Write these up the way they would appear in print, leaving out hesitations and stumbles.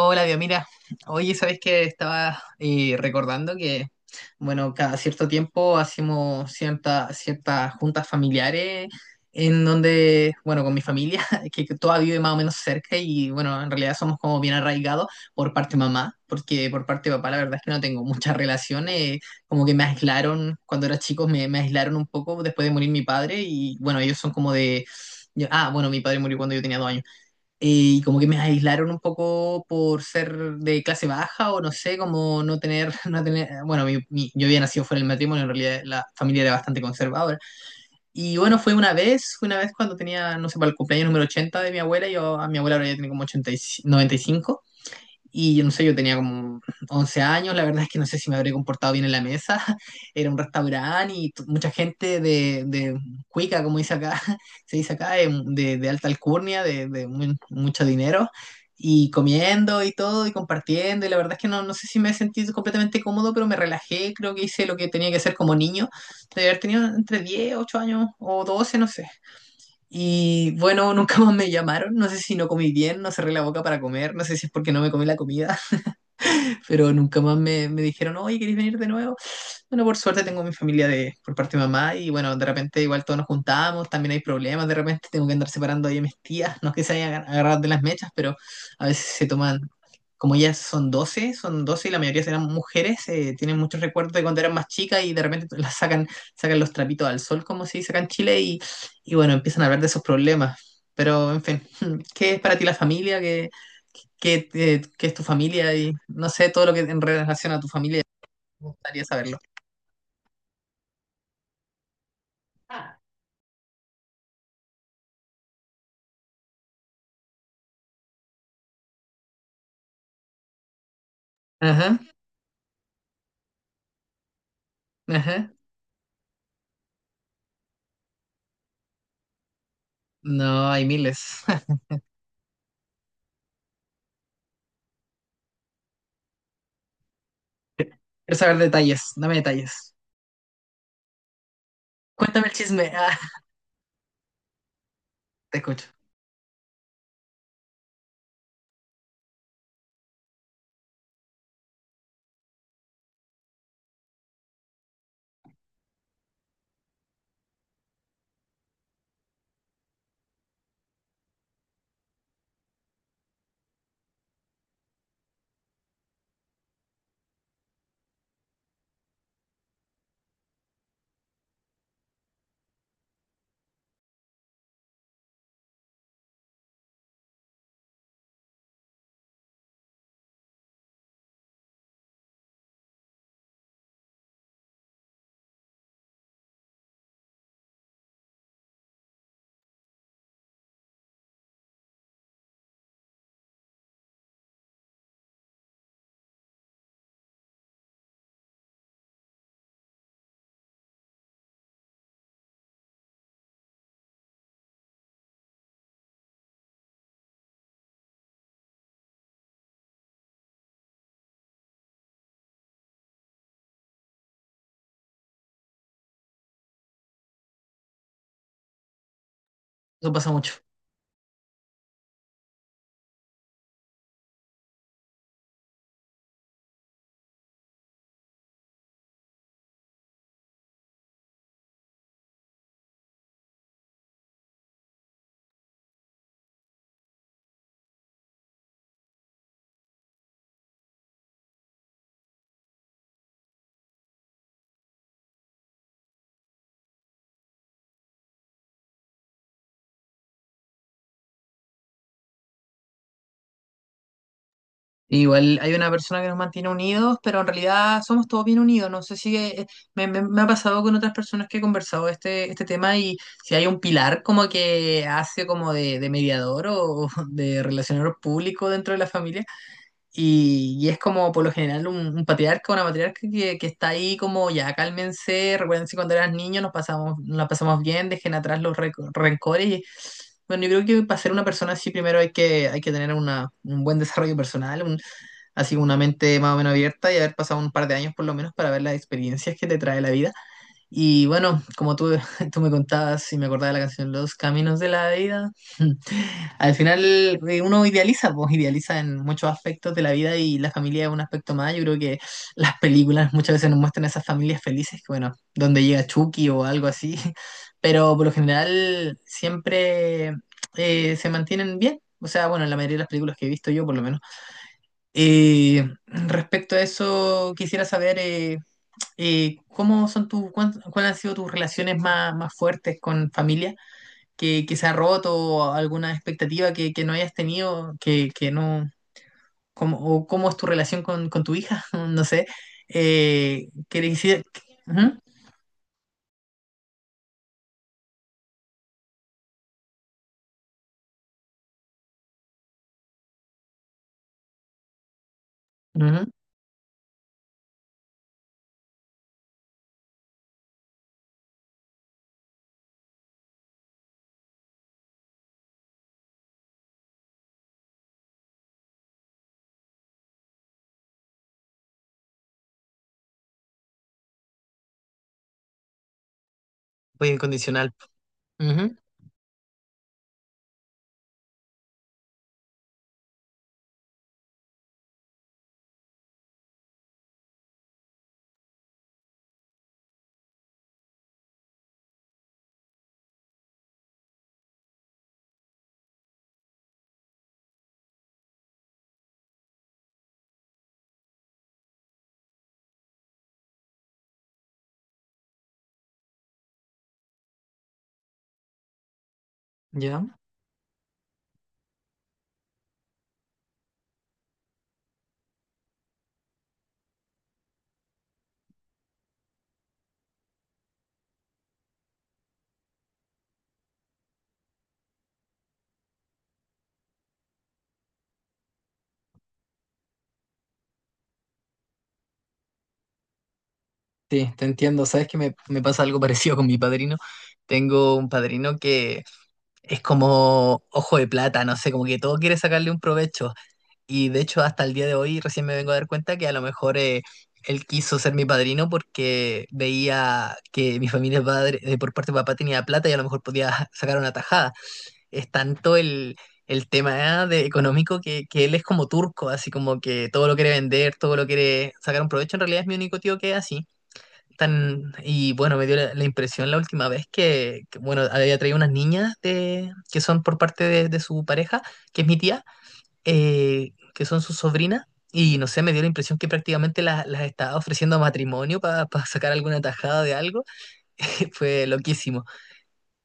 Hola, Dios, mira, oye, ¿sabes qué? Estaba recordando que, bueno, cada cierto tiempo hacemos ciertas juntas familiares en donde, bueno, con mi familia, que toda vive más o menos cerca y, bueno, en realidad somos como bien arraigados por parte de mamá, porque por parte de papá la verdad es que no tengo muchas relaciones, como que me aislaron, cuando era chico me aislaron un poco después de morir mi padre y, bueno, ellos son como de. Ah, bueno, mi padre murió cuando yo tenía 2 años, y como que me aislaron un poco por ser de clase baja o no sé, como no tener, no tener, bueno, yo había nacido fuera del matrimonio. En realidad la familia era bastante conservadora. Y bueno, fue una vez cuando tenía, no sé, para el cumpleaños número 80 de mi abuela. Yo a mi abuela ahora ya tiene como 80 y, 95, y yo no sé, yo tenía como 11 años. La verdad es que no sé si me habré comportado bien en la mesa. Era un restaurante y mucha gente de cuica, como dice acá, se dice acá, de alta alcurnia, de mucho dinero, y comiendo y todo, y compartiendo. Y la verdad es que no sé si me he sentido completamente cómodo, pero me relajé, creo que hice lo que tenía que hacer como niño. De haber tenido entre 10, 8 años o 12, no sé. Y bueno, nunca más me llamaron. No sé si no comí bien, no cerré la boca para comer, no sé si es porque no me comí la comida, pero nunca más me dijeron, oye, ¿queréis venir de nuevo? Bueno, por suerte tengo mi familia de, por parte de mamá, y bueno, de repente igual todos nos juntamos, también hay problemas, de repente tengo que andar separando ahí a mis tías, no es que se hayan agarrado de las mechas, pero a veces se toman, como ellas son 12 son 12 y la mayoría serán mujeres, tienen muchos recuerdos de cuando eran más chicas y de repente sacan los trapitos al sol, como se dice acá en Chile, y bueno, empiezan a hablar de esos problemas. Pero, en fin, ¿qué es para ti la familia? ¿Qué es tu familia y no sé, todo lo que en relación a tu familia? Me gustaría saberlo. Ajá, ajá. No, hay miles. Quiero saber detalles, dame detalles. Cuéntame el chisme. Ah, te escucho. Eso pasa mucho. Igual hay una persona que nos mantiene unidos, pero en realidad somos todos bien unidos. No sé si me ha pasado con otras personas que he conversado este tema, y si hay un pilar como que hace como de mediador o de relacionador público dentro de la familia. Y es como por lo general un patriarca, una matriarca que está ahí como ya cálmense, recuerden si cuando eras niño nos la pasamos bien, dejen atrás los rencores. Y, bueno, yo creo que para ser una persona así primero hay que tener un buen desarrollo personal, así una mente más o menos abierta, y haber pasado un par de años por lo menos para ver las experiencias que te trae la vida. Y bueno, como tú, tú me contabas y me acordaba de la canción Los Caminos de la Vida, al final uno idealiza, pues idealiza en muchos aspectos de la vida, y la familia es un aspecto más. Yo creo que las películas muchas veces nos muestran esas familias felices, que bueno, donde llega Chucky o algo así, pero por lo general siempre se mantienen bien. O sea, bueno, en la mayoría de las películas que he visto yo, por lo menos. Respecto a eso, quisiera saber. ¿Cómo son cuáles han sido tus relaciones más, más fuertes con familia que se ha roto, o alguna expectativa que no hayas tenido, que no, cómo, o cómo es tu relación con tu hija? No sé. Que le hiciera-. Ujú, ujú. Apoyo incondicional. Ujú, ya. Sí, te entiendo. Sabes que me pasa algo parecido con mi padrino. Tengo un padrino que es como ojo de plata, no sé, como que todo quiere sacarle un provecho. Y de hecho, hasta el día de hoy recién me vengo a dar cuenta que a lo mejor él quiso ser mi padrino porque veía que mi familia de por parte de papá tenía plata, y a lo mejor podía sacar una tajada. Es tanto el tema de económico que él es como turco, así como que todo lo quiere vender, todo lo quiere sacar un provecho. En realidad es mi único tío que es así. Y bueno, me dio la impresión la última vez bueno, había traído unas niñas de, que son por parte de su pareja, que es mi tía, que son sus sobrinas, y no sé, me dio la impresión que prácticamente las estaba ofreciendo matrimonio para sacar alguna tajada de algo. Fue loquísimo.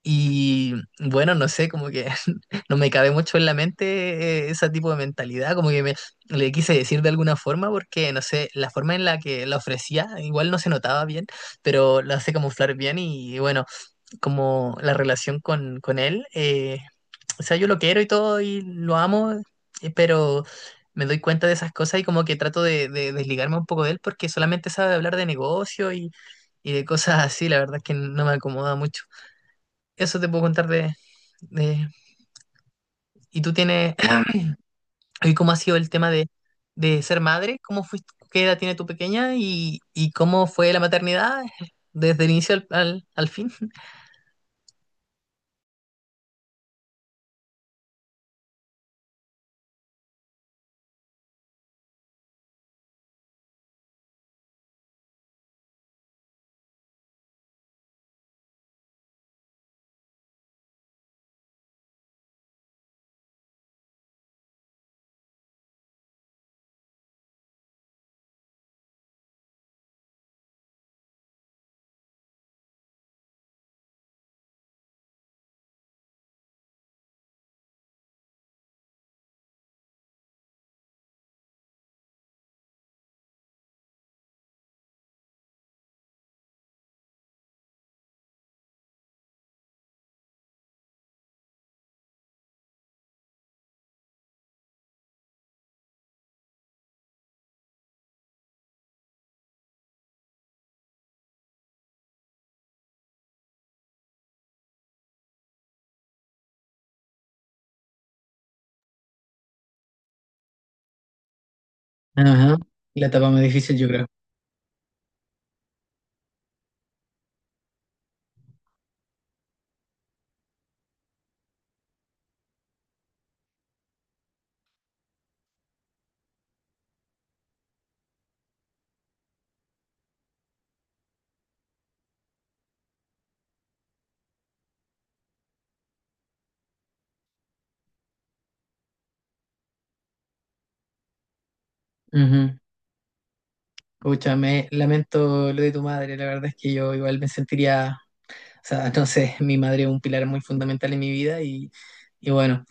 Y bueno, no sé, como que no me cabe mucho en la mente ese tipo de mentalidad, como que me le quise decir de alguna forma, porque no sé, la forma en la que la ofrecía igual no se notaba bien, pero lo hace camuflar bien. Y bueno, como la relación con él. O sea, yo lo quiero y todo y lo amo, pero me doy cuenta de esas cosas y como que trato de desligarme un poco de él porque solamente sabe hablar de negocio, y de cosas así, la verdad es que no me acomoda mucho. Eso te puedo contar de... de-. ¿Y tú tienes...? ¿Y cómo ha sido el tema de ser madre? ¿Cómo fuiste, qué edad tiene tu pequeña, y cómo fue la maternidad desde el inicio al fin? La-. Yo creo. Ujú. Pucha, me lamento lo de tu madre, la verdad es que yo igual me sentiría, sea, no sé, mi madre es un pilar muy fundamental en mi vida, y bueno.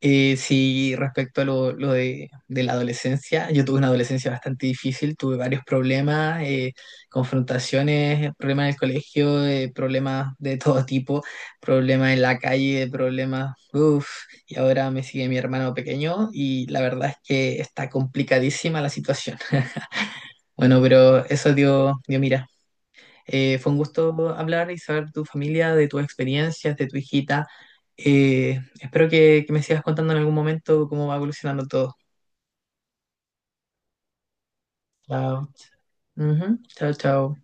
Sí, respecto a lo de, la adolescencia, yo tuve una adolescencia bastante difícil, tuve varios problemas, confrontaciones, problemas en el colegio, problemas de todo tipo, problemas en la calle, problemas, uff, y ahora me sigue mi hermano pequeño, y la verdad es que está complicadísima la situación. Bueno, pero eso dio mira. Fue un gusto hablar y saber tu familia, de tus experiencias, de tu hijita. Espero que me sigas contando en algún momento cómo va evolucionando todo. Chao. Ujú. Chao, chao.